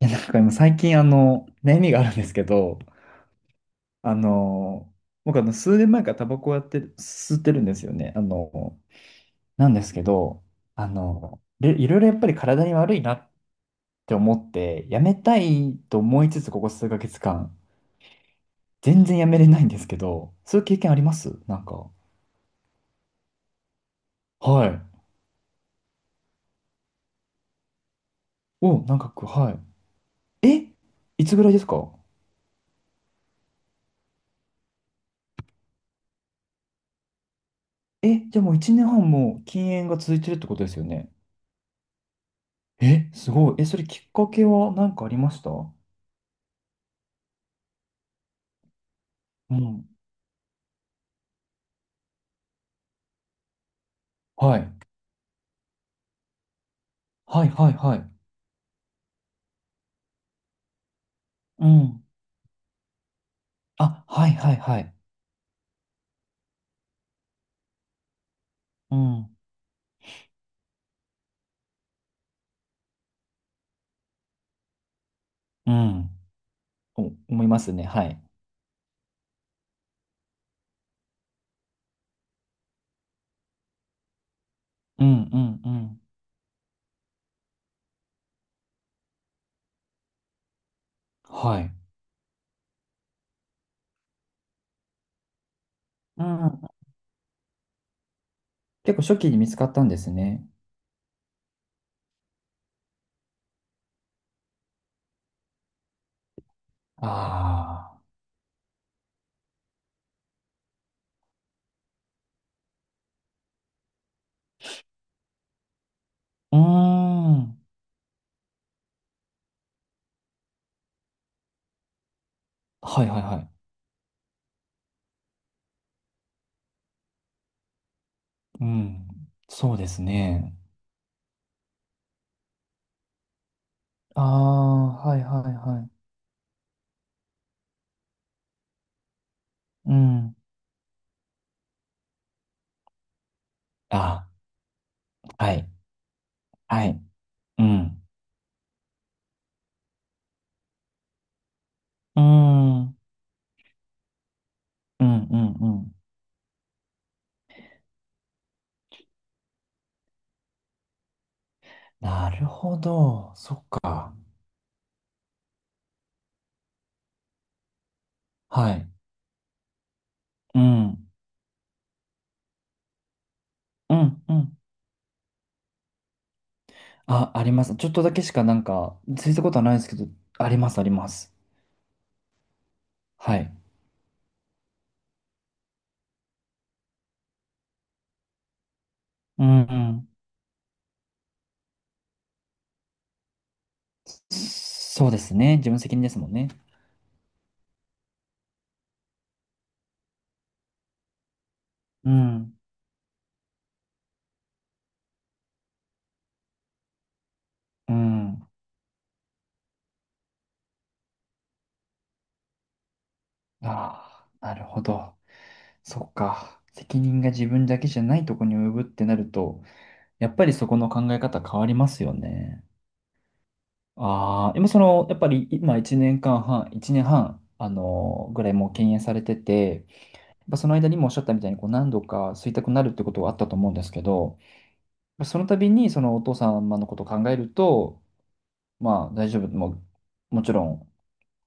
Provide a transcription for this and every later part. いや、なんか今最近悩みがあるんですけど、あの、僕数年前からタバコをやって、吸ってるんですよね。なんですけど、でいろいろやっぱり体に悪いなって思って、やめたいと思いつつ、ここ数ヶ月間、全然やめれないんですけど、そういう経験ありますなんか。はい。お、なんかこう、はい。え、いつぐらいですか？え、じゃあもう1年半も禁煙が続いてるってことですよね。え、すごい。え、それきっかけは何かありました？うん。はい。はいはいはい。うん。あ、はいはいはい。うん。うん。お思いますね。はい。うんうんうん。はい。うん。結構初期に見つかったんですね。ああ。うーん。はいはいはい。うん。そうですね。ああ、はいはいはい。うん。あ、はい。はい。うん。うーん。うんうんうん。なるほど。そっか。はい。うん。うんうん。あ、あります。ちょっとだけしかなんか、ついたことはないですけど、あります、あります。はい。うん、うん。そうですね。自分責任ですもんね。うん、うん。ああ、なるほど。そっか。責任が自分だけじゃないとこに及ぶってなると、やっぱりそこの考え方変わりますよね。ああ、でもその、やっぱり今1年間半、1年半、ぐらいもう敬遠されてて、やっぱその間にもおっしゃったみたいに、こう何度か吸いたくなるってことはあったと思うんですけど、まあその度にそのお父様のことを考えると、まあ大丈夫、もう、もちろん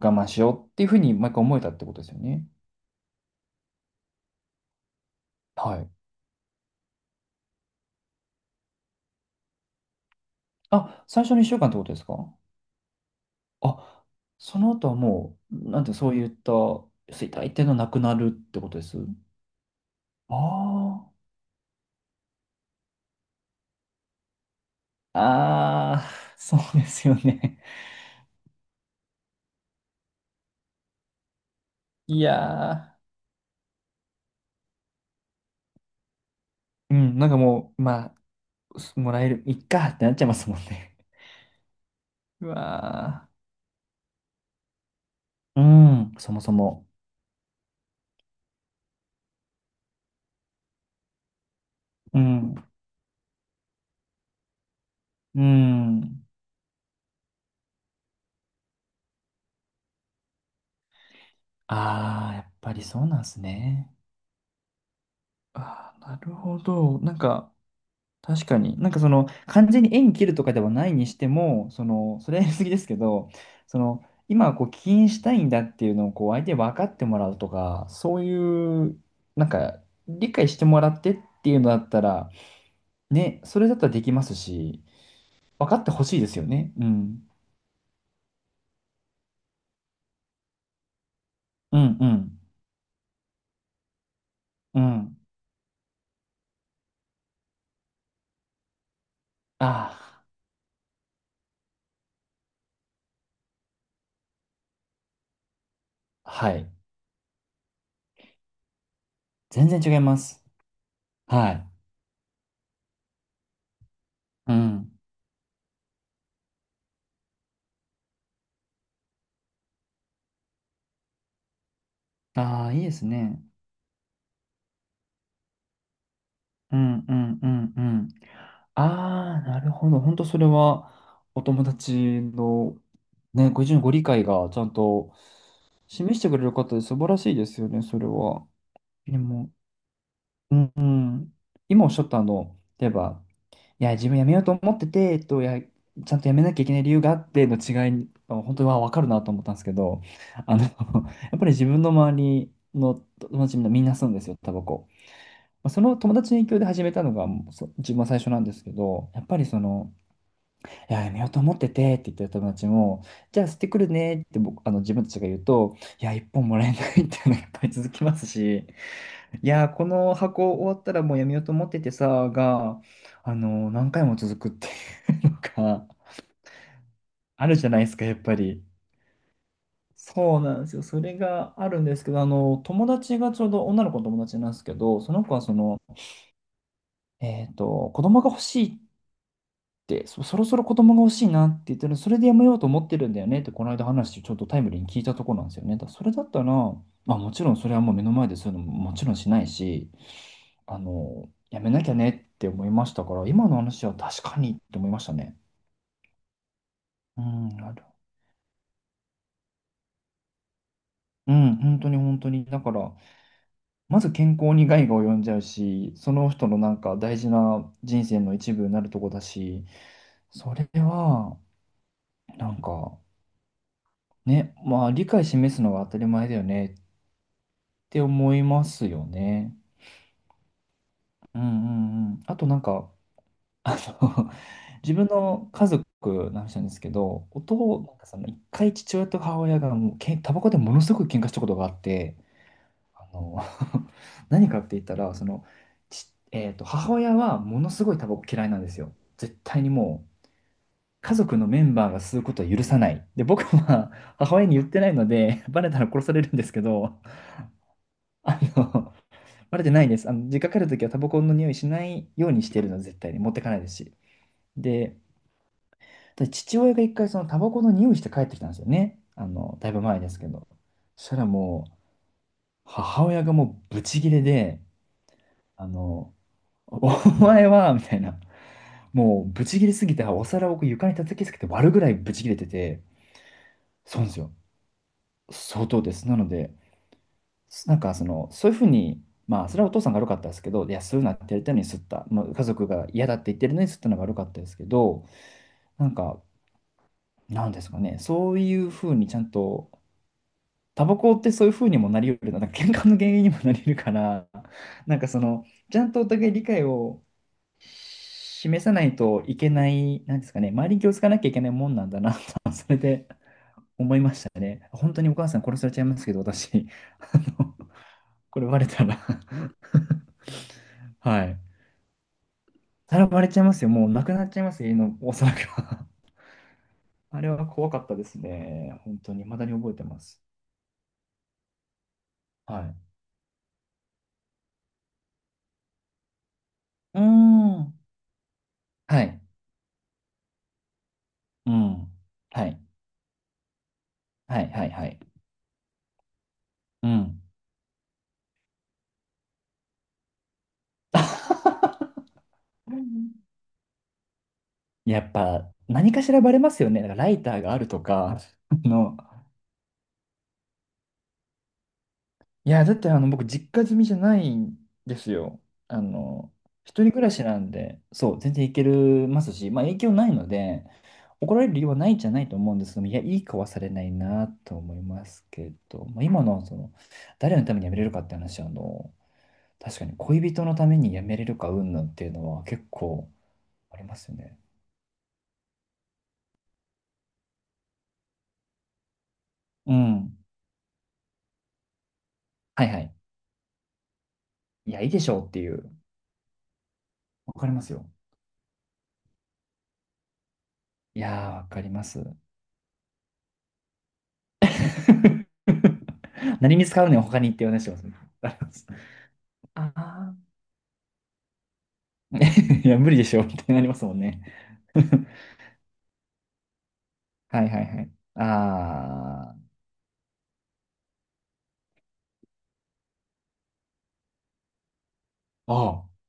我慢しようっていうふうに毎回思えたってことですよね。はい。あ、最初の1週間ってことですか？あ、その後はもう、なんてそういった、衰退っていうのはなくなるってことです？ああ、ああ、そうですよね。いやー、うん、なんかもう、まあ、すもらえる、いっかってなっちゃいますもんね。うわー、うん、そもそも。うん、うん。ああ、やっぱりそうなんですね。ああ、なるほど。なんか、確かに。なんかその、完全に縁切るとかではないにしても、その、それはやりすぎですけど、その、今、こう、起因したいんだっていうのを、こう、相手に分かってもらうとか、そういう、なんか、理解してもらってっていうのだったら、ね、それだったらできますし、分かってほしいですよね。うん。うん、うん、うん。ああ、はい。全然違います。はい。うん。ああ、いいですね。うんうんうんうん。ああ、なるほど。本当それはお友達のね、ご自身のご理解がちゃんと示してくれる方で素晴らしいですよね、それは。でも、うんうん、今おっしゃった例えば、いや、自分辞めようと思ってて、いや、ちゃんと辞めなきゃいけない理由があっての違い、本当は分かるなと思ったんですけど、やっぱり自分の周りの友達みんなみんな吸うんですよ、タバコ。まあその友達の影響で始めたのがそ自分は最初なんですけど、やっぱりその、いや、やめようと思っててって言ってる友達も、じゃあ捨ててくるねって僕、自分たちが言うと、いや、一本もらえないっていうのがやっぱり続きますし、いや、この箱終わったらもうやめようと思っててさ、が、何回も続くっていうのがあるじゃないですか、やっぱり。そうなんですよ。それがあるんですけど、友達がちょうど女の子の友達なんですけど、その子はその、子供が欲しいて、そろそろ子供が欲しいなって言ってるそれでやめようと思ってるんだよねって、この間話、ちょっとタイムリーに聞いたところなんですよね。だからそれだったら、まあ、もちろんそれはもう目の前でそういうのももちろんしないし、やめなきゃねって思いましたから、今の話は確かにって思いましたね。うん、なる。うん、本当に本当に。だから、まず健康に害が及んじゃうし、その人のなんか大事な人生の一部になるとこだし、それは、なんか、ね、まあ理解示すのが当たり前だよねて思いますよね。うんうんうん。あとなんか、あの 自分の家族の話なんですけど、お父、なんかその一回父親と母親がもうタバコでものすごく喧嘩したことがあって、あの 何かって言ったら、その、ち、えーと、母親はものすごいタバコ嫌いなんですよ。絶対にもう、家族のメンバーが吸うことは許さない。で、僕は 母親に言ってないので、バレたら殺されるんですけど、あの、バレてないです。実家帰るときはタバコの匂いしないようにしてるの、絶対に持ってかないですし。で、父親が一回そのタバコの匂いして帰ってきたんですよね。だいぶ前ですけど。そしたらもう、母親がもうブチギレで、あの、お前は、みたいな、もうブチギレすぎて、お皿をこう床に叩きつけて割るぐらいブチギレてて、そうなんですよ。相当です。なので、なんかその、そういうふうに、まあ、それはお父さんが悪かったですけど、いや、そういうのやってやりたいのに吸った、まあ、家族が嫌だって言ってるのに吸ったのが悪かったですけど、なんか、なんですかね、そういうふうにちゃんと、タバコってそういうふうにもなり得るな、なんか喧嘩の原因にもなり得るから、なんかその、ちゃんとお互い理解を示さないといけない、なんですかね、周りに気をつかなきゃいけないもんなんだな、それで、本当にお母さん殺されちゃいますけど、私、あのこれバレたら はい。さらわれちゃいますよ。もうなくなっちゃいますよ、家のお皿が。あれは怖かったですね。本当に。未だに覚えてます。はい。うーん。はい。うん。はい。はい、はい、はい。うん。やっぱ、何かしらバレますよね。だからライターがあるとか、あの、いや、だって僕、実家住みじゃないんですよ。あの、一人暮らしなんで、そう、全然いけるますし、まあ影響ないので、怒られる理由はないんじゃないと思うんですけども、いや、いい子はされないなと思いますけど、まあ、今の、その、誰のために辞めれるかって話は、確かに恋人のために辞めれるか云々っていうのは結構ありますよね。うん。はいはい。いや、いいでしょうっていう。わかりますよ。いやー、わかります。何に使うねん、他にって話しますね。ああ、いや、無理でしょ、みたいになりますもんね。はいはいはい。ああ、あ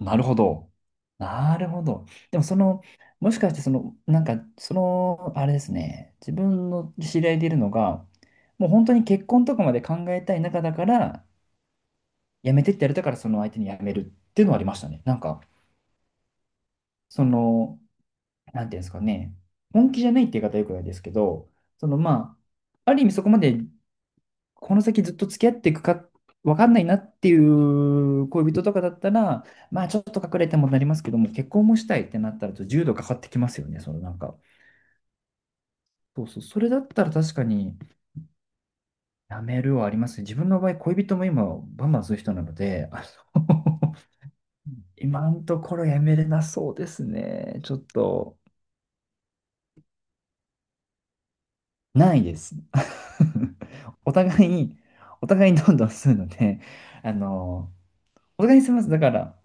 あ、なるほど。なるほど。でも、その、もしかして、その、なんか、その、あれですね、自分の知り合いでいるのが、もう本当に結婚とかまで考えたい中だから、やめてってやれたから、その相手にやめるっていうのはありましたね。なんか、その、なんていうんですかね、本気じゃないって言い方はよくないですけど、そのまあ、ある意味そこまでこの先ずっと付き合っていくか分かんないなっていう恋人とかだったら、まあちょっと隠れてもなりますけども、結婚もしたいってなったらちょっと重度かかってきますよね、そのなんか。そうそう、それだったら確かにやめるはありますね。自分の場合、恋人も今バンバンする人なので、の 今のところやめれなそうですね。ちょっと。ないです。お互い、お互い、どんどん吸うので、あの、お互い吸います。だから、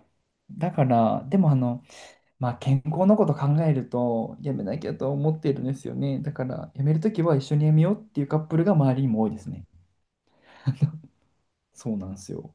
でもまあ、健康のこと考えると、やめなきゃと思ってるんですよね。だから、やめるときは一緒にやめようっていうカップルが周りにも多いですね。そうなんですよ。